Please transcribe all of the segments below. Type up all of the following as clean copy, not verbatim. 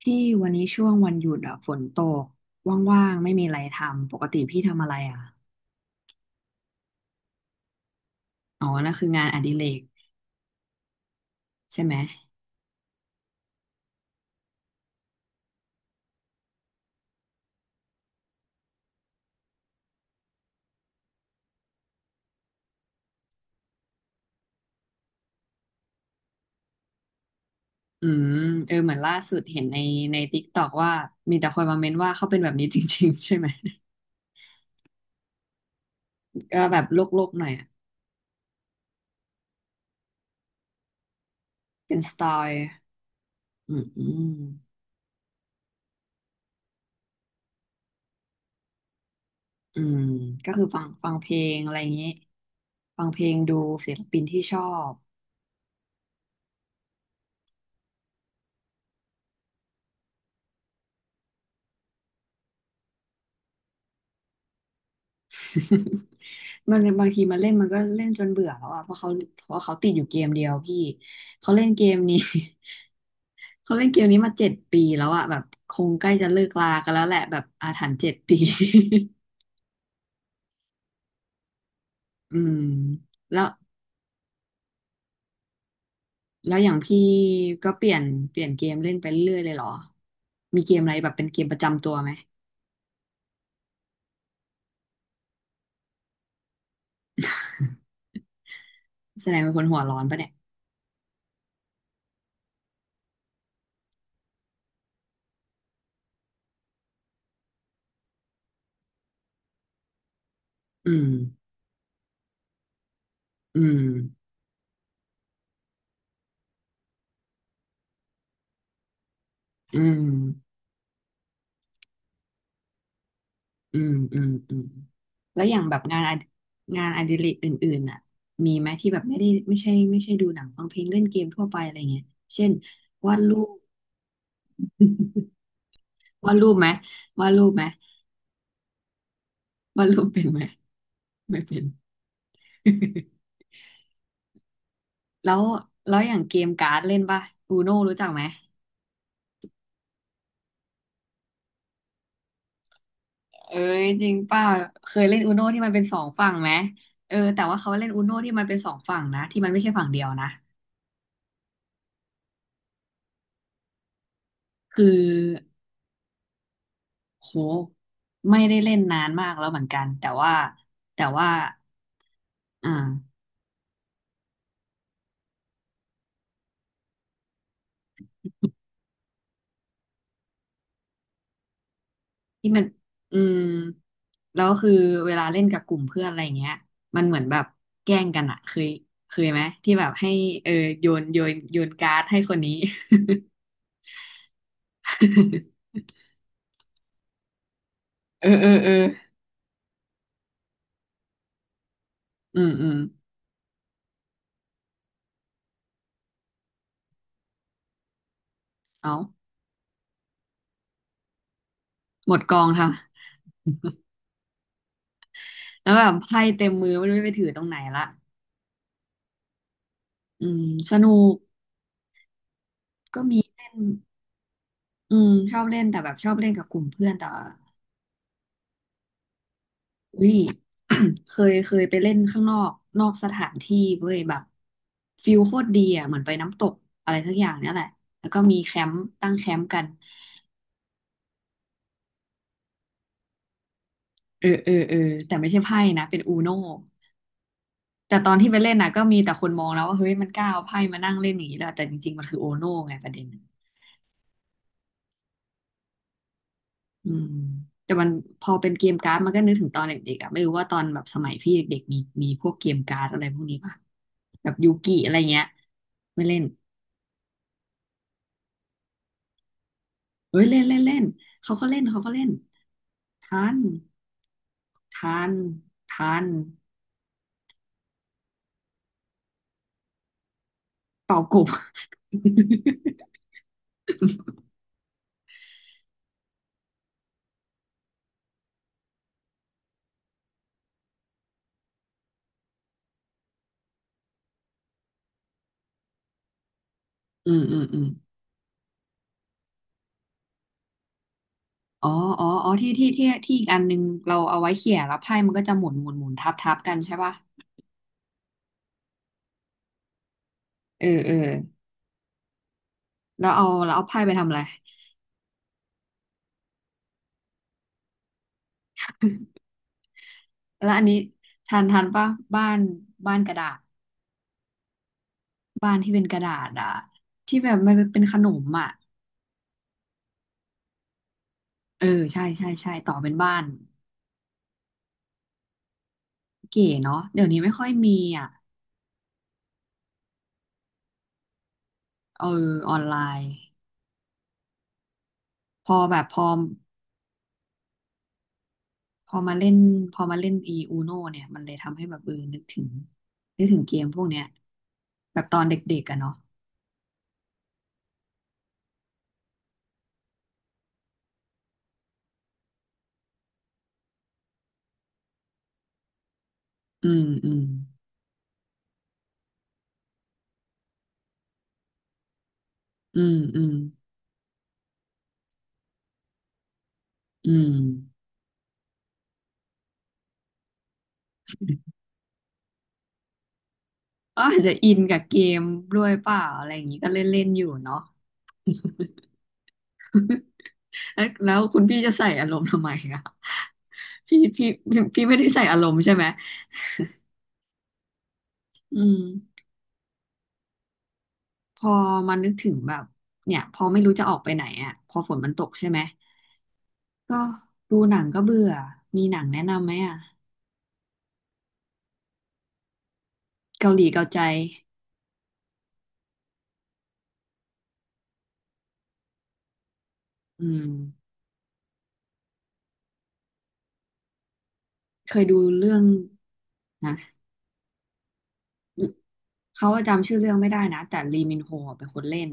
พี่วันนี้ช่วงวันหยุดอะฝนตกว่างๆไม่มีอะไรทำปกติพี่ทำอะไรอะอ๋อนั่นคืองานอดิเรกใช่ไหมอืมเออเหมือนล่าสุดเห็นในติกตอกว่ามีแต่คนมาเม้นว่าเขาเป็นแบบนี้จริงๆ ใช่ไหมก็แบบโลกๆหน่อยอะเป็นสไตล์อืมอืมอืมก็คือฟังเพลงอะไรอย่างนี้ฟังเพลงดูศิลปินที่ชอบ มันบางทีมันเล่นมันก็เล่นจนเบื่อแล้วอ่ะเพราะเขาติดอยู่เกมเดียวพี่เขาเล่นเกมนี้ เขาเล่นเกมนี้มาเจ็ดปีแล้วอ่ะแบบคงใกล้จะเลิกลากันแล้วแหละแบบอาถรรพ์เจ็ดปี อืมแล้วอย่างพี่ก็เปลี่ยนเกมเล่นไปเรื่อยเลยเหรอมีเกมอะไรแบบเป็นเกมประจำตัวไหมแสดงเป็นคนหัวร้อนปะเนี่ยอืมอืมอืมอืมอืมอืม แล้วอย่างแบบงานอดิเรกอื่นๆน่ะมีไหมที่แบบไม่ใช่ดูหนังฟังเพลงเล่นเกมทั่วไปอะไรเงี้ยเช่นวาดรูป วาดรูปไหมวาดรูปไหมวาดรูปเป็นไหมไม่เป็น แล้วอย่างเกมการ์ดเล่นป่ะอูโน่รู้จักไหมเอ้ยจริงป่ะเคยเล่นอูโน่ที่มันเป็นสองฝั่งไหมเออแต่ว่าเขาเล่นอูโน่ที่มันเป็นสองฝั่งนะที่มันไม่ใช่ฝั่งเดียวนะคือ โหไม่ได้เล่นนานมากแล้วเหมือนกันแต่ว่าแต่ว่าอ่าที่มันอืมแล้วคือเวลาเล่นกับกลุ่มเพื่อนอะไรเงี้ยมันเหมือนแบบแกล้งกันอะเคยไหมที่แบบให้เออโยนการ์ดให้คนนี้ เออเออเอออืมอืมเอาหมดกองทำแล้วแบบไพ่เต็มมือไม่รู้จะไปถือตรงไหนละอืมสนุกก็มีเล่นอืมชอบเล่นแต่แบบชอบเล่นกับกลุ่มเพื่อนแต่ อุ้ย เคยไปเล่นข้างนอกนอกสถานที่เว้ยแบบฟิลโคตรดีอ่ะเหมือนไปน้ำตกอะไรสักอย่างเนี่ยแหละแล้วก็มีแคมป์ตั้งแคมป์กันเออเออเออแต่ไม่ใช่ไพ่นะเป็นอูโน่แต่ตอนที่ไปเล่นนะก็มีแต่คนมองแล้วว่าเฮ้ยมันกล้าเอาไพ่มานั่งเล่นอย่างนี้แล้วแต่จริงๆมันคืออูโน่ไงประเด็นอืมแต่มันพอเป็นเกมการ์ดมันก็นึกถึงตอนเด็กๆอ่ะไม่รู้ว่าตอนแบบสมัยพี่เด็กๆมีพวกเกมการ์ดอะไรพวกนี้ป่ะแบบยูกิอะไรเงี้ยไม่เล่น เฮ้ยเล่นเล่นเล่นเขาก็เล่นทานทันทันเป่ากบ อืมอืมอืมอ๋ออ๋ออ๋อที่อีกอันนึงเราเอาไว้เขี่ยแล้วไพ่มันก็จะหมุนหมุนหมุนทับทับกันใช่ป่ะเออเออแล้วเอาไพ่ไปทำอะไรแล้วอันนี้ทันทันป่ะบ้านกระดาษบ้านที่เป็นกระดาษอ่ะที่แบบมันเป็นขนมอ่ะเออใช่ใช่ใช่ต่อเป็นบ้านเก๋เนาะเดี๋ยวนี้ไม่ค่อยมีอ่ะเออออนไลน์ พอแบบพอมาเล่นอีอูโนเนี่ยมันเลยทำให้แบบเออนึกถึงเกมพวกเนี้ยแบบตอนเด็กๆอะเนาะอืมอืมอืมอืมอืมก็อาจจะอินกับเกมด้วยเปล่าอะไรอย่างงี้ก็เล่นเล่นอยู่เนาะ แล้วคุณพี่จะใส่อารมณ์ทำไมอะ พี่พี่ไม่ได้ใส่อารมณ์ใช่ไหมอืมพอมันนึกถึงแบบเนี่ยพอไม่รู้จะออกไปไหนอะพอฝนมันตกใช่ไหม ก็ดูหนังก็เบื่อ มีหนังแนะนำไหมอ่ะเกาหลีเกาใจอืมเคยดูเรื่องนะเขาจำชื่อเรื่องไม่ได้นะแต่ลีมินโฮเป็นคนเล่น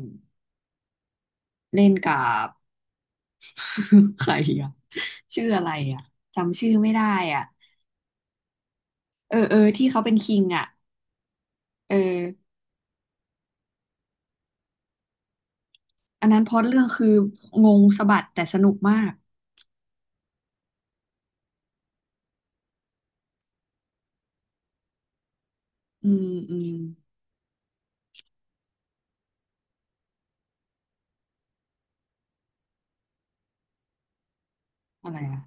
เล่นกับ ใครอ่ะชื่ออะไรอ่ะจำชื่อไม่ได้อ่ะเออเออที่เขาเป็นคิงอ่ะเอออันนั้นพล็อตเรื่องคืองงสะบัดแต่สนุกมากอืมอืมอะไรอ่ะ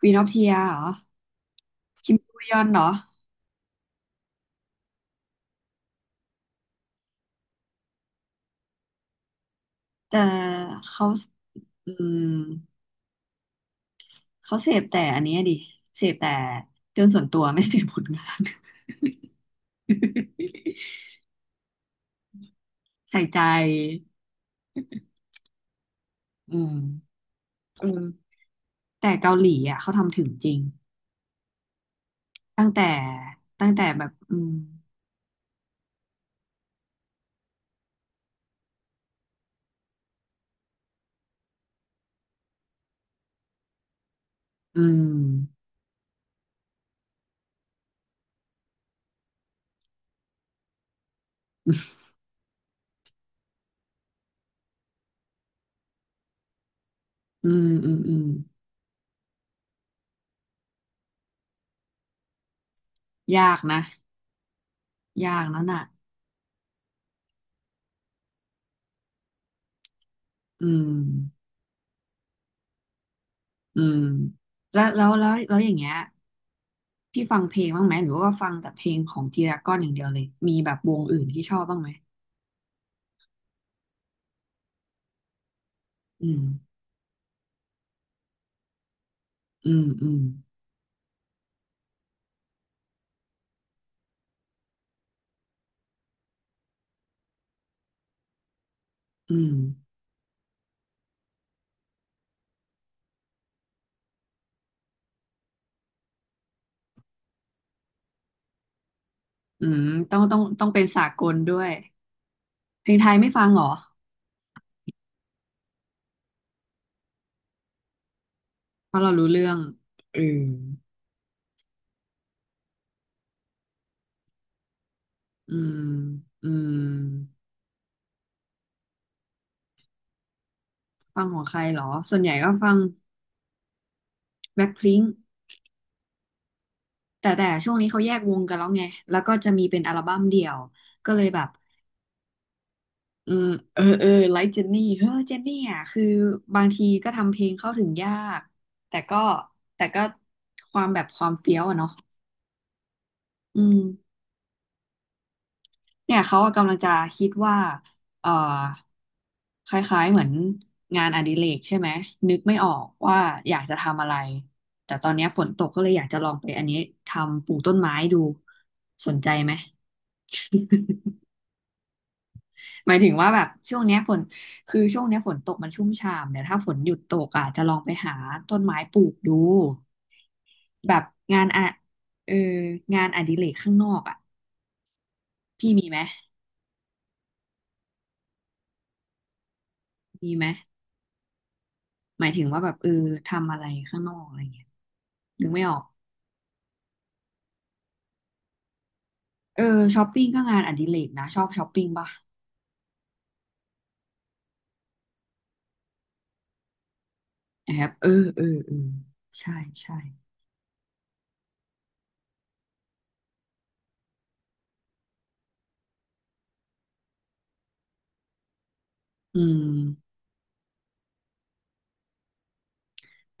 Queen of Tears เหรอคิมบูยอนเหรอแต่เขาอืม เขาเสพแต่อันนี้ดิเสพแต่เรื่องส่วนตัว ไม่เสพผลงาน ใส่ใจอืมเออแต่เกาหลีอ่ะเขาทำถึงจริงตั้งแต่แบบอืมอืมอืมอืมอืมยากนะยากนั่นน่ะอืมอืมแล้วอย่างเงี้ยพี่ฟังเพลงบ้างไหมหรือว่าฟังแต่เพลงของจีราก้อนอย่างเดียวเลยมีแบบวงอื่นที่ชอบบ้างไหมอืมอืมอืมอืม อืมต้องเป็นสากลด้วยเพลงไทยไม่ฟังเหรอเพราะเรารู้เรื่องอืมอืมอืมฟังของใครเหรอส่วนใหญ่ก็ฟังแบ็คพิงค์แต่ช่วงนี้เขาแยกวงกันแล้วไงแล้วก็จะมีเป็นอัลบั้มเดี่ยวก็เลยแบบอืมเออไลค์เจนนี่เฮ้อเจนนี่อ่ะคือบางทีก็ทำเพลงเข้าถึงยากแต่ก็แต่ก็ความแบบความเฟี้ยวอะเนาะอืม เนี่ยเขากำลังจะคิดว่าเอ่อคล้ายๆเหมือนงานอดิเรกใช่ไหมนึกไม่ออกว่าอยากจะทำอะไรแต่ตอนเนี้ยฝนตกก็เลยอยากจะลองไปอันนี้ทำปลูกต้นไม้ดูสนใจไหมหมายถึงว่าแบบช่วงเนี้ยฝนคือช่วงเนี้ยฝนตกมันชุ่มฉ่ำเดี๋ยวถ้าฝนหยุดตกอ่ะจะลองไปหาต้นไม้ปลูกดูแบบงานอะเอองานอดิเรกข้างนอกอ่ะพี่มีไหมมีไหม หมายถึงว่าแบบเออทำอะไรข้างนอกอะไรเงี้ยนึกไม่ออกเออช้อปปิ้งก็งานอดิเรกนะชอบช้อปปิ้งป่ะแอบเออใช่ใช่อืม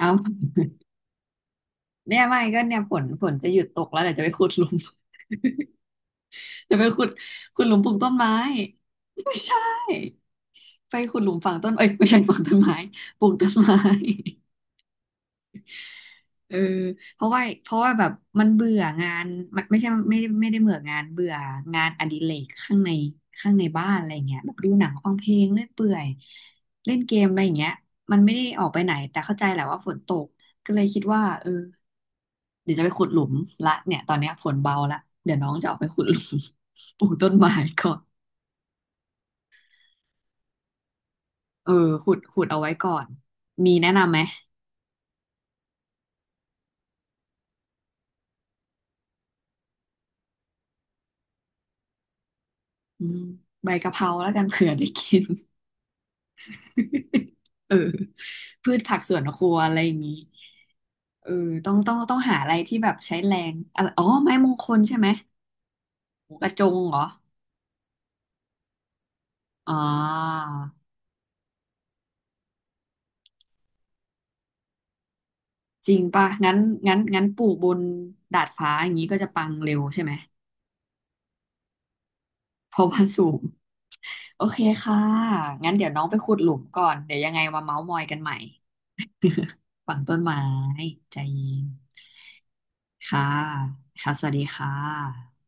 เอาเนี่ยไม่ก็เนี่ยฝนจะหยุดตกแล้วเดี๋ยวจะไปขุดหลุม จะไปขุดขุดหลุมปลูกต้นไม้ไม่ใช่ไปขุดหลุมฝังต้นเอ้ยไม่ใช่ ฝังต้นไม้ปลูกต้นไม้ เออเพราะว่าแบบมันเบื่องานมันไม่ใช่ไม่ได้เบื่องานเบื่องานอดิเรกข้างในข้างในบ้านอะไรเงี้ยแบบดูหนังฟังเพลงเล่นเปื่อยเล่นเกมอะไรอย่างเงี้ยมันไม่ได้ออกไปไหนแต่เข้าใจแหละว่าฝนตกก็เลยคิดว่าเออเดี๋ยวจะไปขุดหลุมละเนี่ยตอนเนี้ยฝนเบาละเดี๋ยวน้องจะออกไปขุดหลุม ปลูกต้นไม้ก่อนเออขุดเอาไว้ก่อนมีแนะนำไหมอืมใบกะเพราแล้วกันเผื่อได้กิน เออพืชผักสวนครัวอะไรอย่างนี้เออต้องหาอะไรที่แบบใช้แรงอะไรอ๋อไม้มงคลใช่ไหมหมูกระจงเหรออ๋อจริงป่ะงั้นงั้นปลูกบนดาดฟ้าอย่างนี้ก็จะปังเร็วใช่ไหมเพราะว่าสูงโอเคค่ะงั้นเดี๋ยวน้องไปขุดหลุมก่อนเดี๋ยวยังไงมาเม้าท์มอยกันใหม่ฝั่งต้นไม้ใจเย็นค่ะค่ะสวัสดีค่ะ